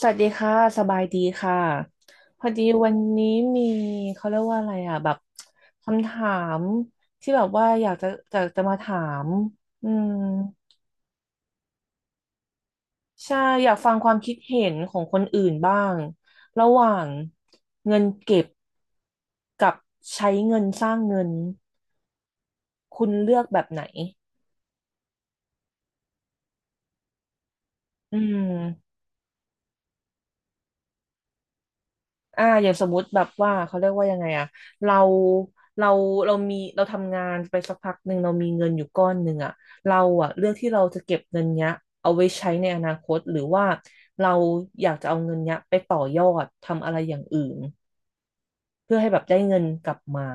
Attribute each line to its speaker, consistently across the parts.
Speaker 1: สวัสดีค่ะสบายดีค่ะพอดีวันนี้มีเขาเรียกว่าอะไรอ่ะแบบคำถามที่แบบว่าอยากจะจะมาถามอืมใช่อยากฟังความคิดเห็นของคนอื่นบ้างระหว่างเงินเก็บกับใช้เงินสร้างเงินคุณเลือกแบบไหนอืม อย่างสมมุติแบบว่าเขาเรียกว่ายังไงอะเราเราเรามีเราทำงานไปสักพักหนึ่งเรามีเงินอยู่ก้อนหนึ่งอะเราอะเลือกที่เราจะเก็บเงินเนี้ยเอาไว้ใช้ในอนาคตหรือว่าเราอยากจะเอาเงินเนี้ยไปต่อยอดทำอะไรอย่างอื่นเพื่อให้แบบได้เงินกลับมา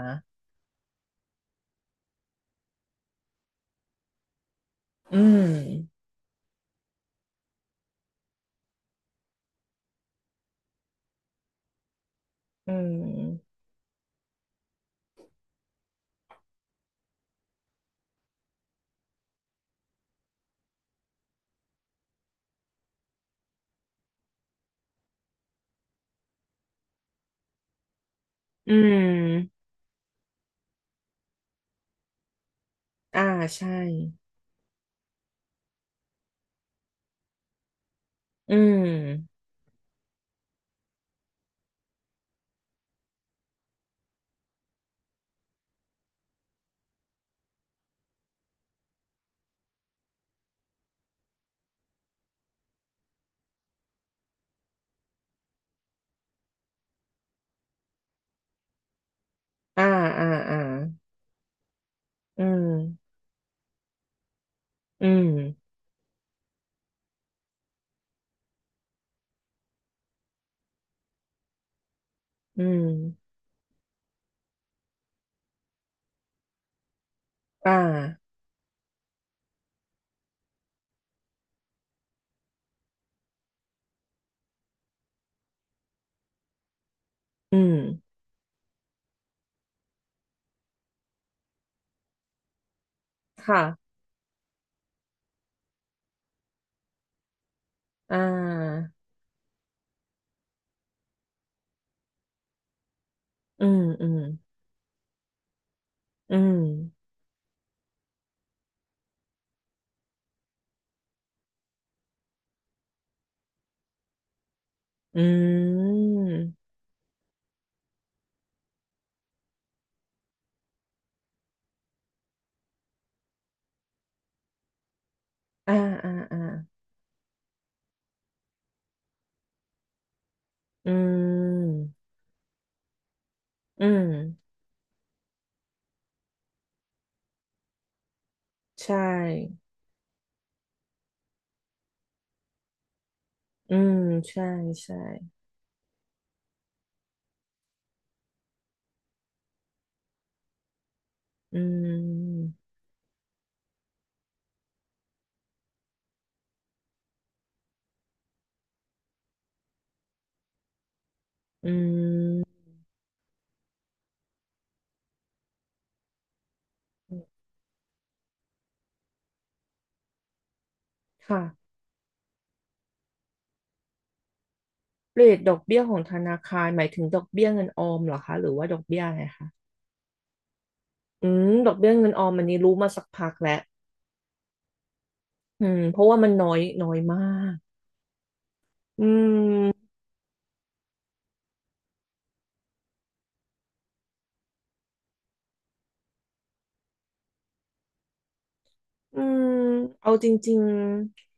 Speaker 1: อืมอืมอืมอ่าใช่อืมอ่าอ่าอ่าอืมอืมอืมอ่าอืมค่ะอ่า อืมอืมอืมอืมอ่าอ่าอ่าอืมอืมใช่อืมใช่ใช่อืมอืมค่ะเรทดอกเบี้ยของธนาคารหมายถึงดอกเบี้ยเงินออมเหรอคะหรือว่าดอกเบี้ยอะไรคะอืมดอกเบี้ยเงินออมอันนี้รู้มาสักพักแล้วอืมเพราะว่ามันน้อยน้อยมากอืมอืมเอาจริงๆ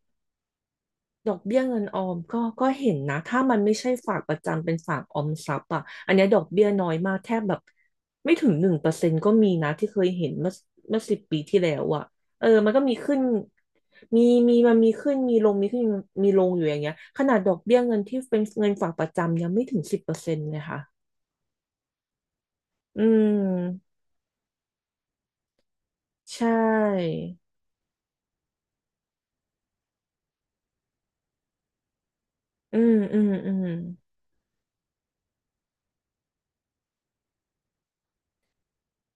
Speaker 1: ดอกเบี้ยเงินออมก็เห็นนะ ถ้ามันไม่ใช่ฝากประจำเป็นฝากออมทรัพย์อ่ะอันเนี้ยดอกเบี้ยน้อยมากแทบแบบไม่ถึง1%ก็มีนะที่เคยเห็นเมื่อ10 ปีที่แล้วอ่ะเออมันก็มีขึ้นมีมีขึ้นมีลงมีขึ้นมีลงอยู่อย่างเงี้ยขนาดดอกเบี้ยเงินที่เป็นเงินฝากประจำยังไม่ถึง10%เลยค่ะอืมใช่อืมอืมอืม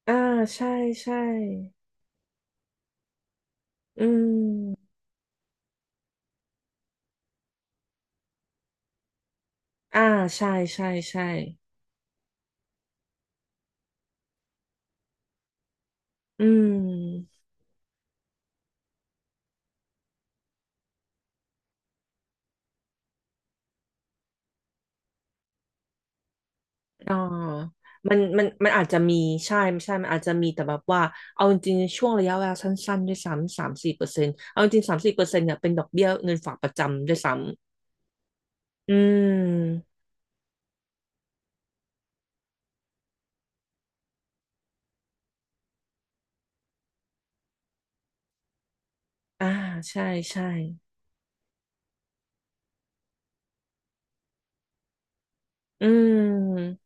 Speaker 1: อ่าใช่ใช่อืมอ่าใช่ใช่ใช่อืม อ๋อมันอาจจะมีใช่ไม่ใช่มันอาจจะมีแต่แบบว่าเอาจริงๆช่วงระยะเวลาสั้นๆด้วยซ้ำสามสี่เปอร์เซ็นต์เอาจริงสามสี่เปอร์เซ็นต์เนี่ยเป็นดอกเบี้ยเงินฝากประจำด้วยซ้ำอืมอ่าใช่ใช่อืม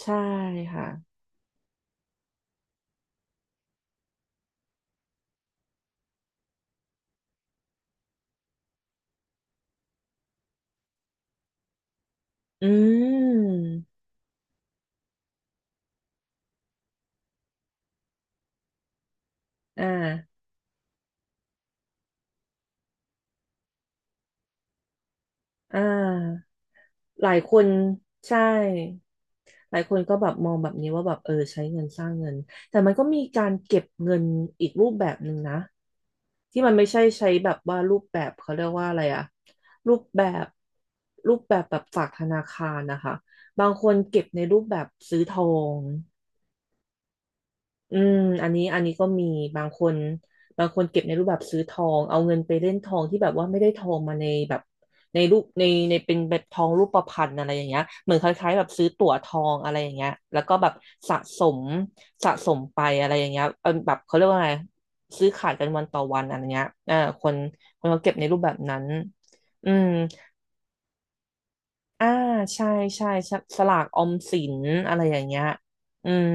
Speaker 1: ใช่ค่ะ อืมอ่าอ่าหลายคนใช่ หลายคนก็แบบมองแบบนี้ว่าแบบเออใช้เงินสร้างเงิน แต่มันก็มีการเก็บเงินอีกรูปแบบหนึ่งนะ ที่มันไม่ใช่ใช้แบบว่ารูปแบบเขาเรียกว่าอะไรอะรูปแบบรูปแบบแบบฝากธนาคารนะคะบางคนเก็บในรูปแบบซื้อทอง อืมอันนี้ก็มีบางคนบางคนเก็บในรูปแบบซื้อทองเอาเงินไปเล่นทองที่แบบว่าไม่ได้ทองมาในแบบในรูปในเป็นแบบทองรูปพรรณอะไรอย่างเงี้ยเหมือนคล้ายๆแบบซื้อตั๋วทองอะไรอย่างเงี้ยแล้วก็แบบสะสมสะสมไปอะไรอย่างเงี้ยเออแบบเขาเรียกว่าไงซื้อขายกันวันต่อวันอะไรเงี้ยอ่าคนเขาเก็บในรูปแบบนั้นอืม อ่าใช่ใช่สสลากออมสินอะไรอย่างเงี้ยอืม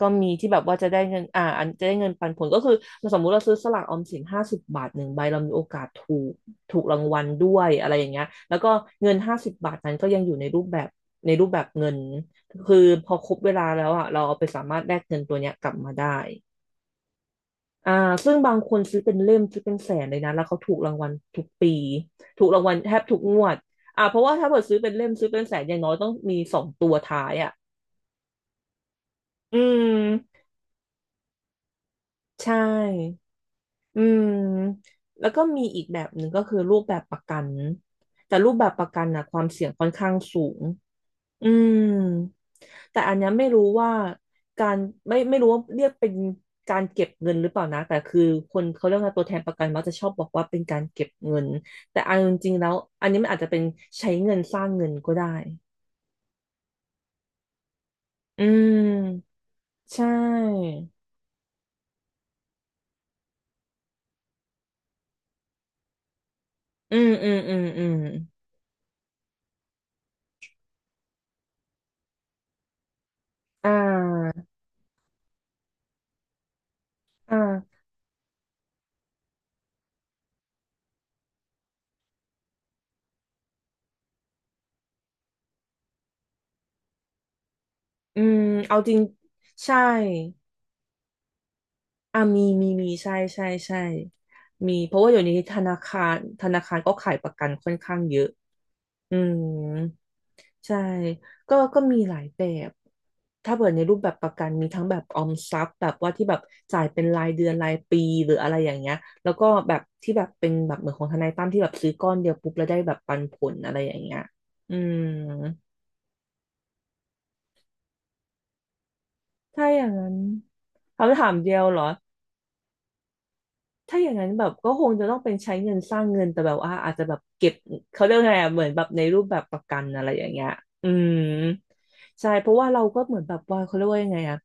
Speaker 1: ก็มีที่แบบว่าจะได้เงินอ่าอันจะได้เงินปันผลก็คือสมมุติเราซื้อสลากออมสินห้าสิบบาทหนึ่งใบเรามีโอกาสถูกถูกรางวัลด้วยอะไรอย่างเงี้ยแล้วก็เงินห้าสิบบาทนั้นก็ยังอยู่ในรูปแบบในรูปแบบเงินคือพอครบเวลาแล้วอ่ะเราเอาไปสามารถแลกเงินตัวเนี้ยกลับมาได้ อ่า ซึ่งบางคนซื้อเป็นเล่มซื้อเป็นแสนเลยนะแล้วเขาถูกรางวัลทุกปีถูกรางวัลแทบทุกงวดอ่าเพราะว่าถ้าเกิดซื้อเป็นเล่มซื้อเป็นแสนอย่างน้อยต้องมี2 ตัวท้ายอ่ะอืมใช่อืมแล้วก็มีอีกแบบหนึ่งก็คือรูปแบบประกันแต่รูปแบบประกันนะความเสี่ยงค่อนข้างสูง อืมแต่อันเนี้ยไม่รู้ว่าการไม่รู้ว่าเรียกเป็นการเก็บเงินหรือเปล่านะแต่คือคนเขาเรียกว่าตัวแทนประกันมักจะชอบบอกว่าเป็นการเก็บเงินแต่เอาจริงๆแล้วอันนี้มันอาจจะเป็นใช้เงินสร้างเงินก็ได้อืมใช่อืมอืมอืมอืมอ่าอ่าอืมเอาจริงใช่อ่ามีใช่ใช่ใช่มีเพราะว่าอยู่นี้ธนาคารก็ขายประกันค่อนข้างเยอะอืม ใช่ก็มีหลายแบบ ถ้าเปิดในรูปแบบประกันมีทั้งแบบออมทรัพย์แบบว่าที่แบบจ่ายเป็นรายเดือนรายปีหรืออะไรอย่างเงี้ย แล้วก็แบบที่แบบเป็นแบบเหมือนของทนายตั้มที่แบบซื้อก้อนเดียวปุ๊บแล้วได้แบบปันผลอะไรอย่างเงี้ยอืมถ้าอย่างนั้นคำถามเดียวเหรอ ถ้าอย่างนั้นแบบก็คงจะต้องเป็นใช้เงินสร้างเงินแต่แบบว่าอาจจะแบบเก็บเขาเรียกไงอะเหมือนแบบในรูปแบบประกันอะไรอย่างเงี้ยอืมใช่เพราะว่าเราก็เหมือนแบบว่าเขาเรียกว่ายังไงอะ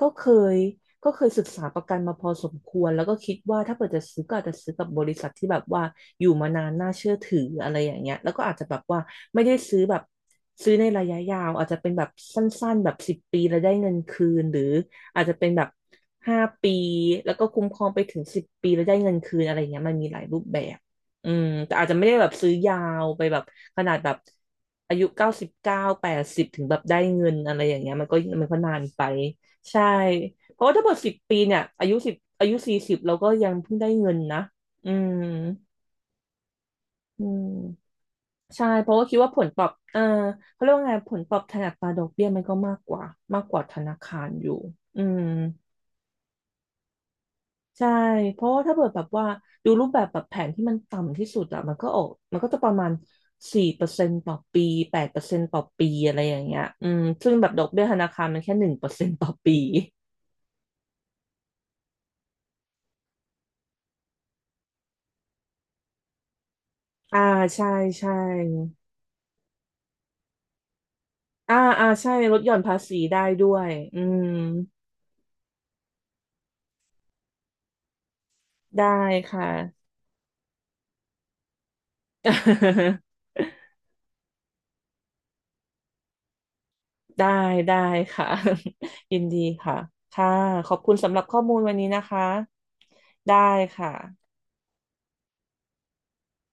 Speaker 1: ก็เคยก็เคยศึกษาประกันมาพอสมควรแล้วก็คิดว่าถ้าเกิดจะซื้อก็อาจจะซื้อกับบริษัทที่แบบว่าอยู่มานานน่าเชื่อถืออะไรอย่างเงี้ยแล้วก็อาจจะแบบว่าไม่ได้ซื้อแบบซื้อในระยะยาวอาจจะเป็นแบบสั้นๆแบบสิบปีแล้วได้เงินคืนหรือ อาจจะเป็นแบบ5 ปีแล้วก็คุ้มครองไปถึงสิบปีแล้วได้เงินคืนอะไรเงี้ยมันมีหลายรูปแบบอืมแต่อาจจะไม่ได้แบบซื้อยาวไปแบบขนาดแบบอายุ90เก้า80ถึงแบบได้เงินอะไรอย่างเงี้ยมันก็นานไปใช่เพราะว่าถ้าหมดสิบปีเนี่ยอายุสิบอายุ40เราก็ยังเพิ่งได้เงินนะอืมอืมใช่เพราะว่าคิดว่าผลตอบเขาเรียกว่าไงผลตอบแทนอัตราดอกเบี้ยมันก็มากกว่าธนาคารอยู่อืม ใช่ เพราะว่าถ้าเกิดแบบว่าดูรูปแบบแบบแผนที่มันต่ำที่สุดอะมันก็จะประมาณ4%ต่อปี8%ต่อปีอะไรอย่างเงี้ยอืมซึ่งแบบดอกเบี้ยธนาคารมันแค่1%ต่อปีอ่าใช่ใช่อ่าอ่าใช่ลดหย่อนภาษีได้ด้วยอืมได้ค่ะ ได้ได้ค่ะ ยินดีค่ะค่ะขอบคุณสำหรับข้อมูลวันนี้นะคะ ได้ค่ะ